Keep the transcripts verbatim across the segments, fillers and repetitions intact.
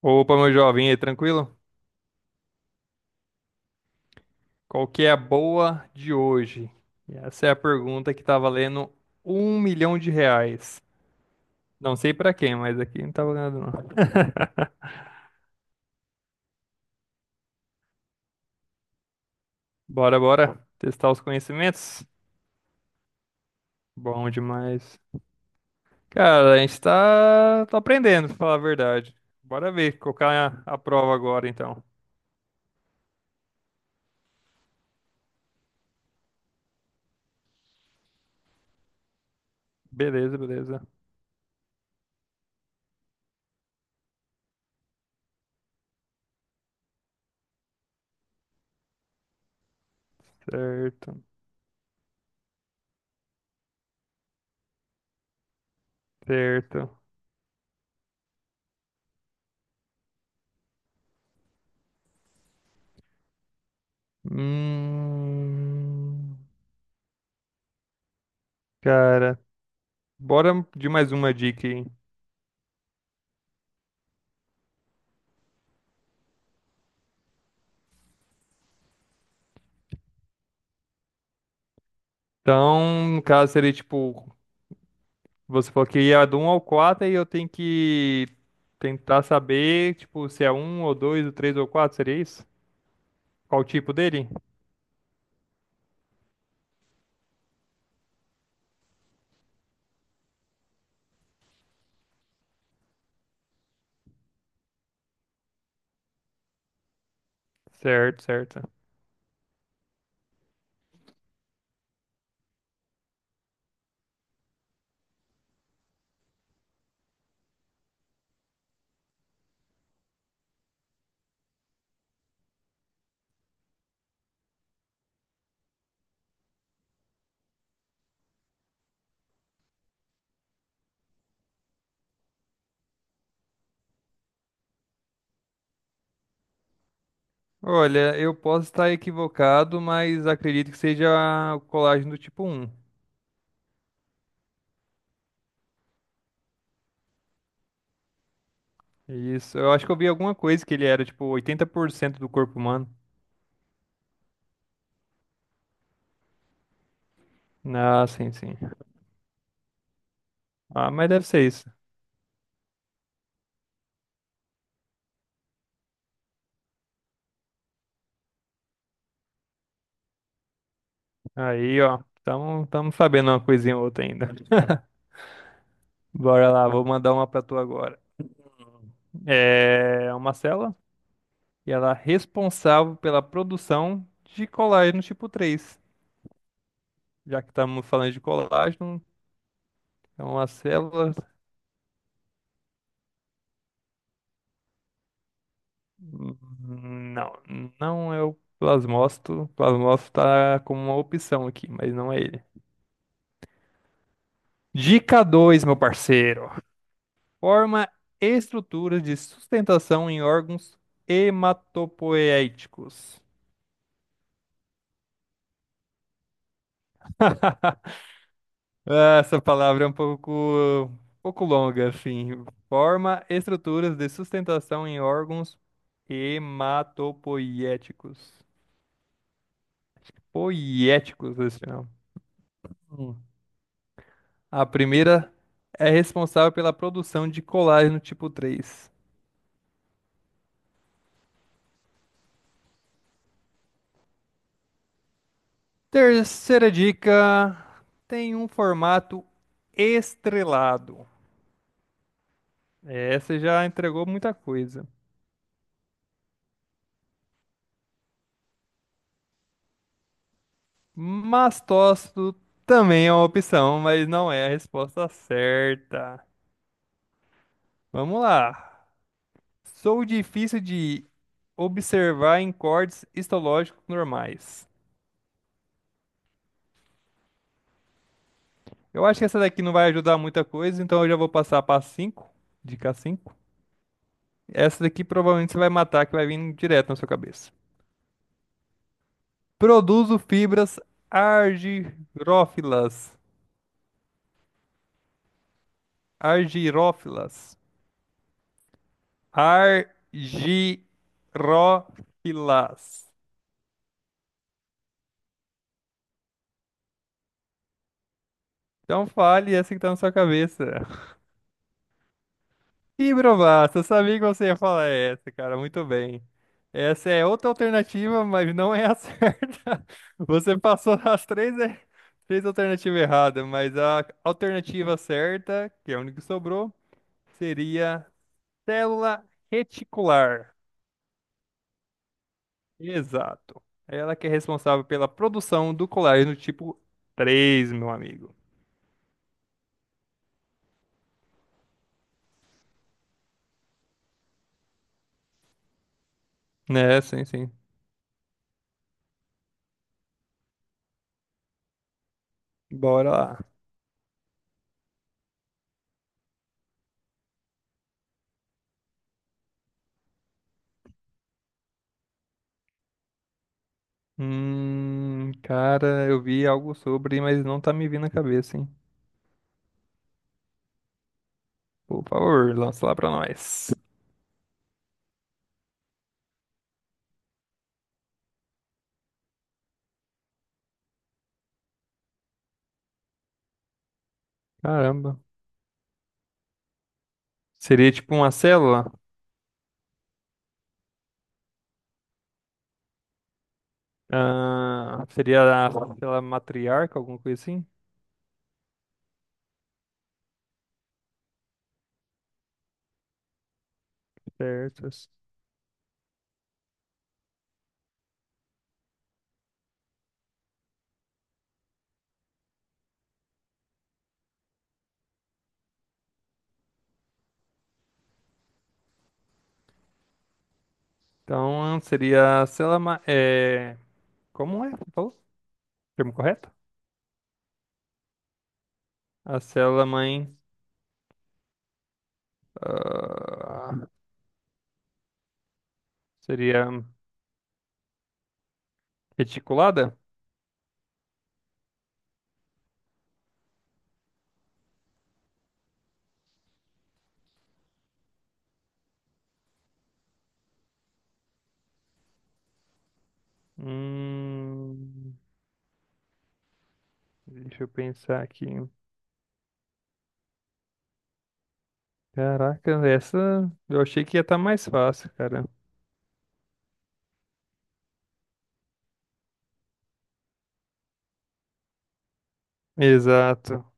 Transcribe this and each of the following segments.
Opa, meu jovem, e aí, tranquilo? Qual que é a boa de hoje? E Essa é a pergunta que tá valendo um milhão de reais. Não sei pra quem, mas aqui não tá valendo não. Bora, bora testar os conhecimentos? Bom demais. Cara, a gente tá, tá aprendendo, pra falar a verdade. Bora ver, colocar a, a prova agora então. Beleza, beleza. Certo, certo. Hum, cara, bora de mais uma dica aí. Então, no caso, seria tipo, você falou que ia do um ao quatro, e eu tenho que tentar saber, tipo, se é um ou dois ou três ou quatro seria isso? Qual o tipo dele? Certo, certo. Olha, eu posso estar equivocado, mas acredito que seja o colágeno do tipo um. Isso, eu acho que eu vi alguma coisa que ele era, tipo, oitenta por cento do corpo humano. Ah, sim, sim. Ah, mas deve ser isso. Aí, ó, estamos sabendo uma coisinha ou outra ainda. Bora lá, vou mandar uma pra tu agora. É uma célula e ela é responsável pela produção de colágeno tipo três. Já que estamos falando de colágeno, é uma célula. hum, Não, não é o plasmócito. O plasmócito está como uma opção aqui, mas não é ele. Dica dois, meu parceiro. Forma estruturas de sustentação em órgãos hematopoéticos. Ah, essa palavra é um pouco, um pouco longa, assim. Forma estruturas de sustentação em órgãos hematopoiéticos. Poiéticos, esse não. Hum. A primeira é responsável pela produção de colágeno tipo três. Terceira dica, tem um formato estrelado. Essa já entregou muita coisa. Mastócito também é uma opção, mas não é a resposta certa. Vamos lá. Sou difícil de observar em cortes histológicos normais. Eu acho que essa daqui não vai ajudar muita coisa, então eu já vou passar para cinco, dica cinco. Essa daqui provavelmente você vai matar, que vai vir direto na sua cabeça. Produzo fibras argirófilas. Argirófilas. Argirófilas. Então fale essa que tá na sua cabeça. Ih, Brovato, eu sabia que você ia falar essa, cara. Muito bem. Essa é outra alternativa, mas não é a certa. Você passou as três, er- três alternativas erradas, mas a alternativa certa, que é a única que sobrou, seria célula reticular. Exato. Ela que é responsável pela produção do colágeno tipo três, meu amigo. Né, sim, sim. Bora lá. Hum, cara, eu vi algo sobre, mas não tá me vindo na cabeça, hein? Por favor, lança lá pra nós. Caramba. Seria tipo uma célula? Ah, seria a célula matriarca, alguma coisa assim? Certo. Então, seria a célula. ma- É... Como é? Você falou? Termo correto? A célula mãe. ah, Seria reticulada? Hum, deixa eu pensar aqui. Caraca, essa eu achei que ia estar mais fácil, cara. Exato.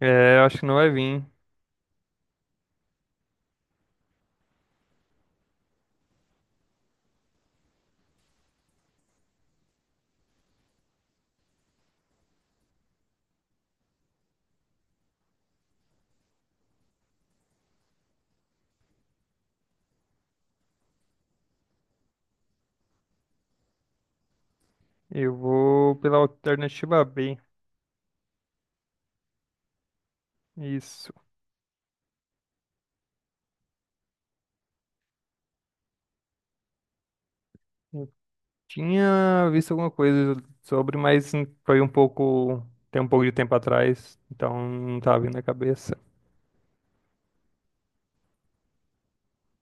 É, eu acho que não vai vir. Eu vou pela alternativa B. Isso. Eu tinha visto alguma coisa sobre, mas foi um pouco. Tem um pouco de tempo atrás, então não tá vindo na cabeça.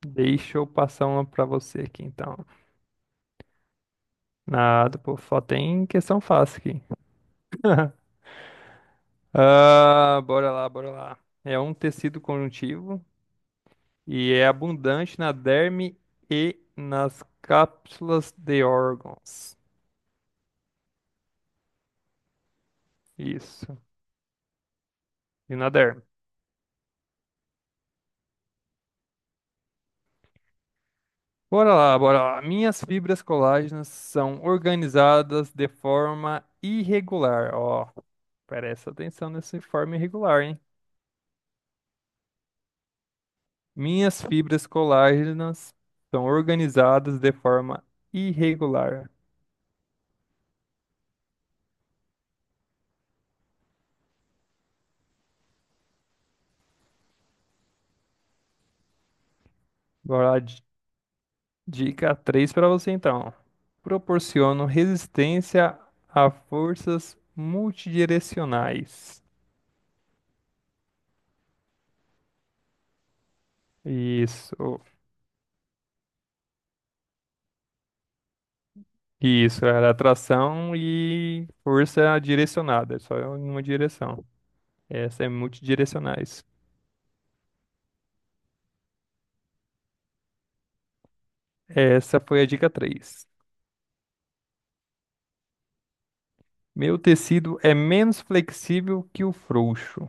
Deixa eu passar uma pra você aqui, então. Nada, pô, só tem questão fácil aqui. Ah, bora lá, bora lá. É um tecido conjuntivo e é abundante na derme e nas cápsulas de órgãos. Isso. E na derme. Bora lá, bora lá. Minhas fibras colágenas são organizadas de forma irregular. Ó, presta atenção nessa forma irregular, hein? Minhas fibras colágenas são organizadas de forma irregular. Bora lá, di- dica três para você então. Proporcionam resistência a forças multidirecionais. Isso. Isso, era atração e força direcionada, só em uma direção. Essa é multidirecionais. Essa foi a dica três. Meu tecido é menos flexível que o frouxo.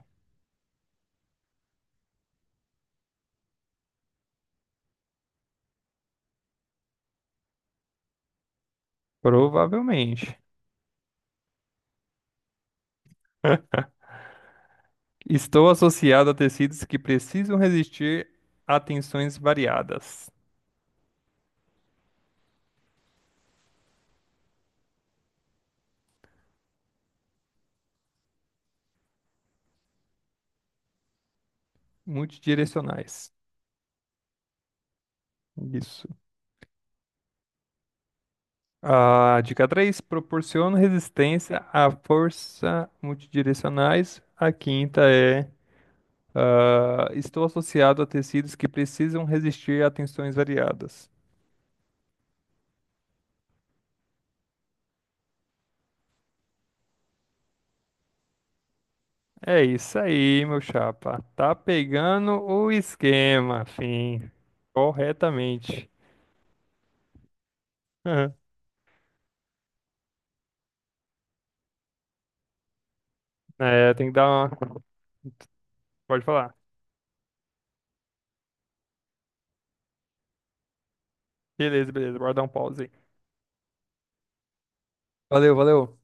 Provavelmente. Estou associado a tecidos que precisam resistir a tensões variadas. Multidirecionais. Isso. A dica três proporciona resistência à força multidirecionais. A quinta é. Ah, estou associado a tecidos que precisam resistir a tensões variadas. É isso aí, meu chapa. Tá pegando o esquema, fim. Corretamente. Aham. É, tem que dar uma. Pode falar. Beleza, beleza. Bora dar um pause aí. Valeu, valeu.